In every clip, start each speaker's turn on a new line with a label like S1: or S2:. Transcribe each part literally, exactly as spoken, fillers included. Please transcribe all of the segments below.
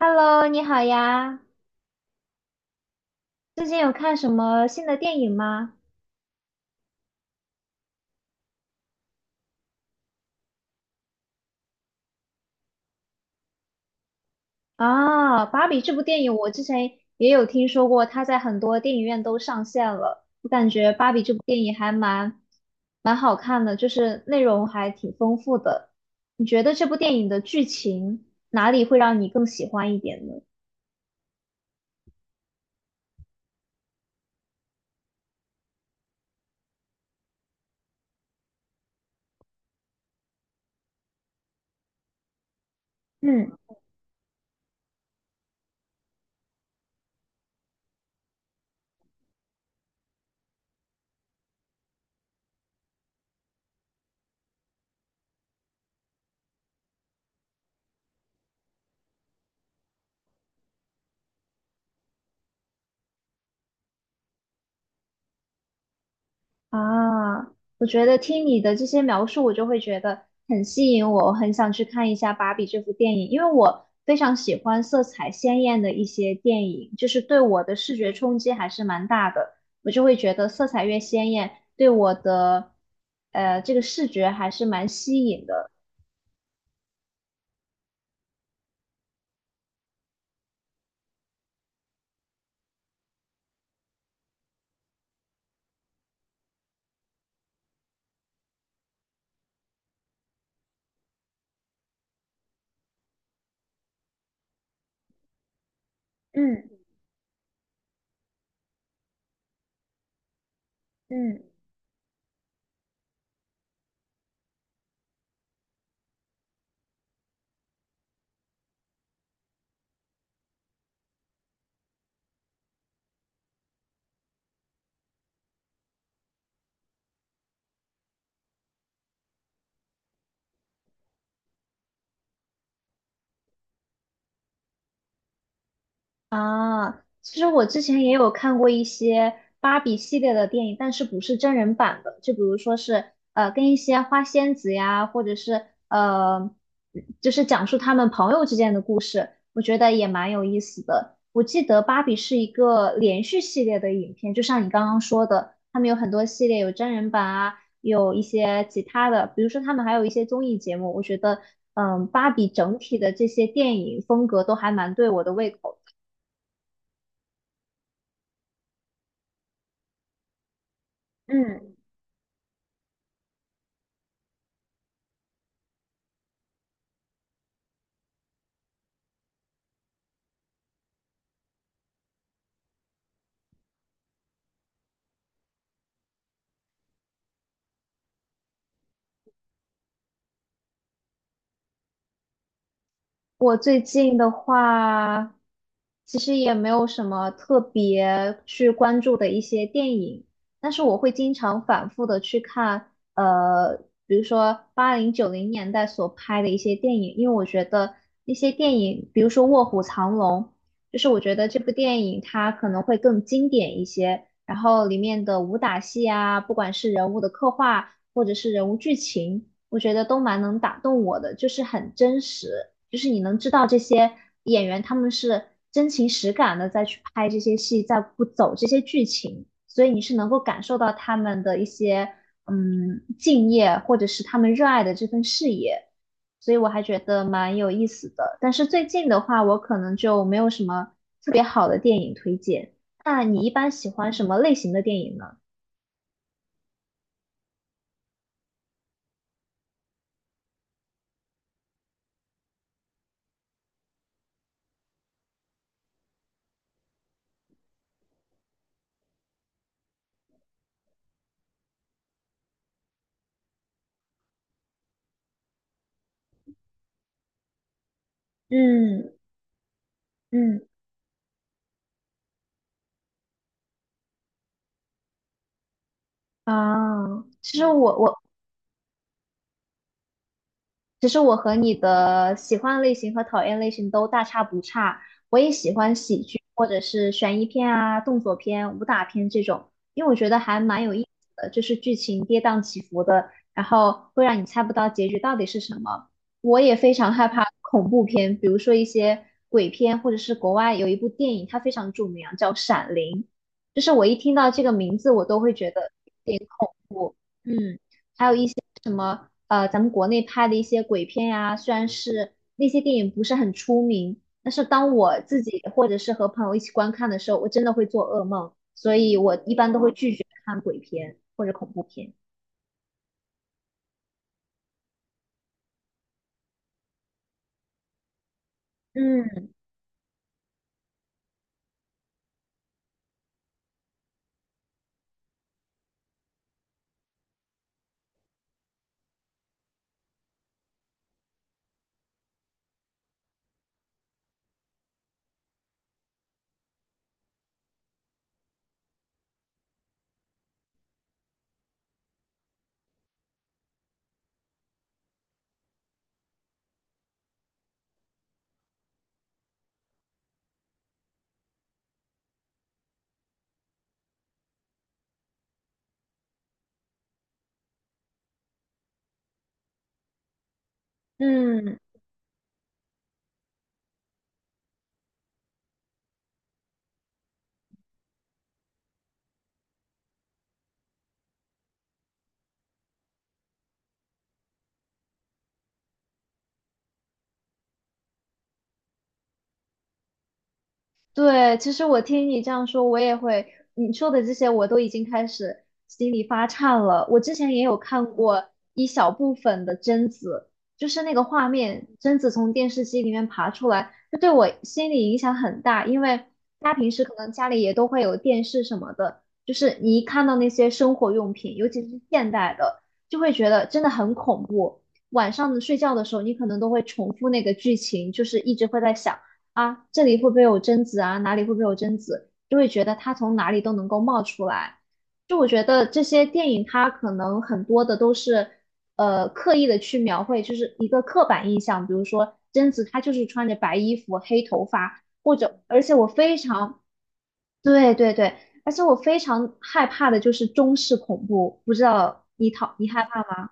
S1: Hello，你好呀！最近有看什么新的电影吗？啊，《芭比》这部电影我之前也有听说过，它在很多电影院都上线了。我感觉《芭比》这部电影还蛮蛮好看的，就是内容还挺丰富的。你觉得这部电影的剧情哪里会让你更喜欢一点呢？嗯。啊，我觉得听你的这些描述，我就会觉得很吸引我，我很想去看一下《芭比》这部电影，因为我非常喜欢色彩鲜艳的一些电影，就是对我的视觉冲击还是蛮大的。我就会觉得色彩越鲜艳，对我的呃这个视觉还是蛮吸引的。嗯嗯。啊，其实我之前也有看过一些芭比系列的电影，但是不是真人版的，就比如说是呃跟一些花仙子呀，或者是呃就是讲述他们朋友之间的故事，我觉得也蛮有意思的。我记得芭比是一个连续系列的影片，就像你刚刚说的，他们有很多系列，有真人版啊，有一些其他的，比如说他们还有一些综艺节目，我觉得嗯，芭比整体的这些电影风格都还蛮对我的胃口的。嗯，我最近的话，其实也没有什么特别去关注的一些电影，但是我会经常反复的去看，呃，比如说八零九零年代所拍的一些电影，因为我觉得那些电影，比如说《卧虎藏龙》，就是我觉得这部电影它可能会更经典一些，然后里面的武打戏啊，不管是人物的刻画或者是人物剧情，我觉得都蛮能打动我的，就是很真实。就是你能知道这些演员他们是真情实感的在去拍这些戏，在不走这些剧情，所以你是能够感受到他们的一些嗯敬业，或者是他们热爱的这份事业。所以我还觉得蛮有意思的。但是最近的话，我可能就没有什么特别好的电影推荐。那你一般喜欢什么类型的电影呢？嗯嗯。啊，其实我我其实我和你的喜欢类型和讨厌类型都大差不差，我也喜欢喜剧或者是悬疑片啊、动作片、武打片这种，因为我觉得还蛮有意思的，就是剧情跌宕起伏的，然后会让你猜不到结局到底是什么。我也非常害怕恐怖片，比如说一些鬼片，或者是国外有一部电影，它非常著名啊，叫《闪灵》，就是我一听到这个名字，我都会觉得有点恐怖。嗯。什么呃，咱们国内拍的一些鬼片呀，虽然是那些电影不是很出名，但是当我自己或者是和朋友一起观看的时候，我真的会做噩梦，所以我一般都会拒绝看鬼片或者恐怖片。嗯嗯。对，其实我听你这样说，我也会，你说的这些我都已经开始心里发颤了。我之前也有看过一小部分的贞子，就是那个画面，贞子从电视机里面爬出来，这对我心理影响很大，因为大家平时可能家里也都会有电视什么的，就是你一看到那些生活用品，尤其是现代的，就会觉得真的很恐怖。晚上睡觉的时候，你可能都会重复那个剧情，就是一直会在想。啊，这里会不会有贞子啊？哪里会不会有贞子？就会觉得他从哪里都能够冒出来。就我觉得这些电影，它可能很多的都是，呃，刻意的去描绘，就是一个刻板印象。比如说贞子，她就是穿着白衣服、黑头发，或者，而且我非常，对对对，而且我非常害怕的就是中式恐怖，不知道你讨你害怕吗？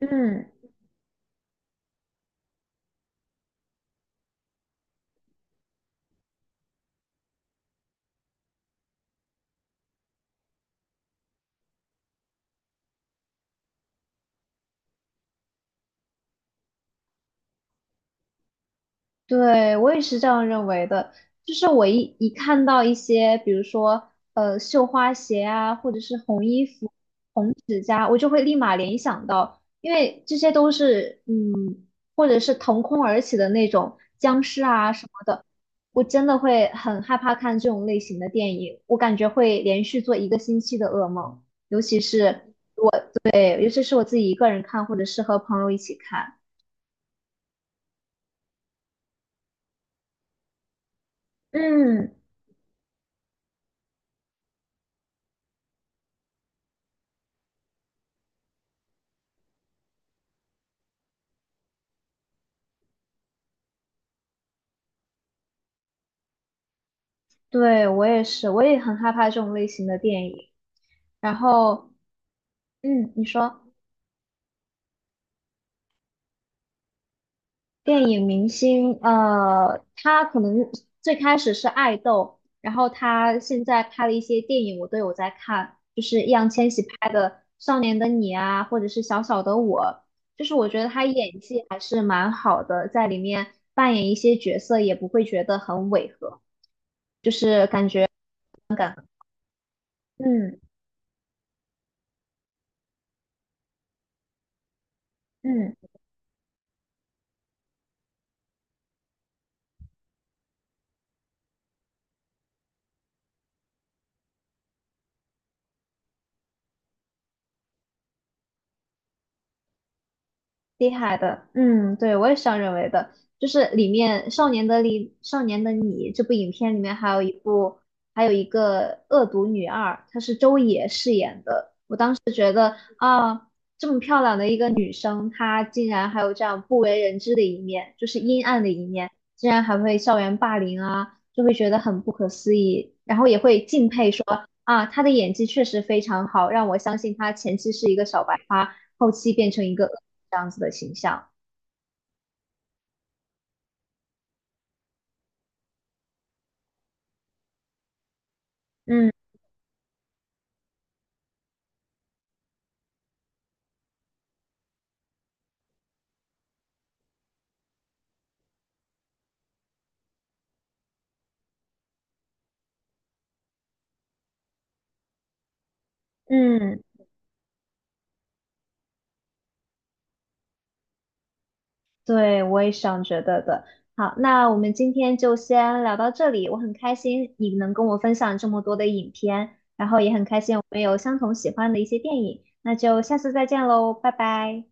S1: 嗯。对，我也是这样认为的。就是我一一看到一些，比如说呃绣花鞋啊，或者是红衣服、红指甲，我就会立马联想到，因为这些都是嗯，或者是腾空而起的那种僵尸啊什么的，我真的会很害怕看这种类型的电影，我感觉会连续做一个星期的噩梦，尤其是对，尤其是我自己一个人看，或者是和朋友一起看，嗯。对，我也是，我也很害怕这种类型的电影。然后，嗯，你说电影明星，呃，他可能最开始是爱豆，然后他现在拍的一些电影，我都有在看，就是易烊千玺拍的《少年的你》啊，或者是《小小的我》，就是我觉得他演技还是蛮好的，在里面扮演一些角色也不会觉得很违和。嗯嗯。厉害的，嗯，对，我也是这样认为的。就是里面《少年的你》《少年的你》这部影片里面还有一部，还有一个恶毒女二，她是周也饰演的啊。这么漂亮的一个女生，她竟然还有这样不为人知的一面，就是阴暗的一面，竟然还会校园霸凌啊，就会觉得很不可思议，然后也会敬佩说啊，她的演技确实非常好，让我相信她前期是一个小白花，后期变成一个恶女这样子的形象。嗯嗯，对，我也是这样觉得的。好，那我们今天就先聊到这里。我很开心你能跟我分享这么多的影片，然后也很开心我们有相同喜欢的一些电影。那就下次再见喽，拜拜。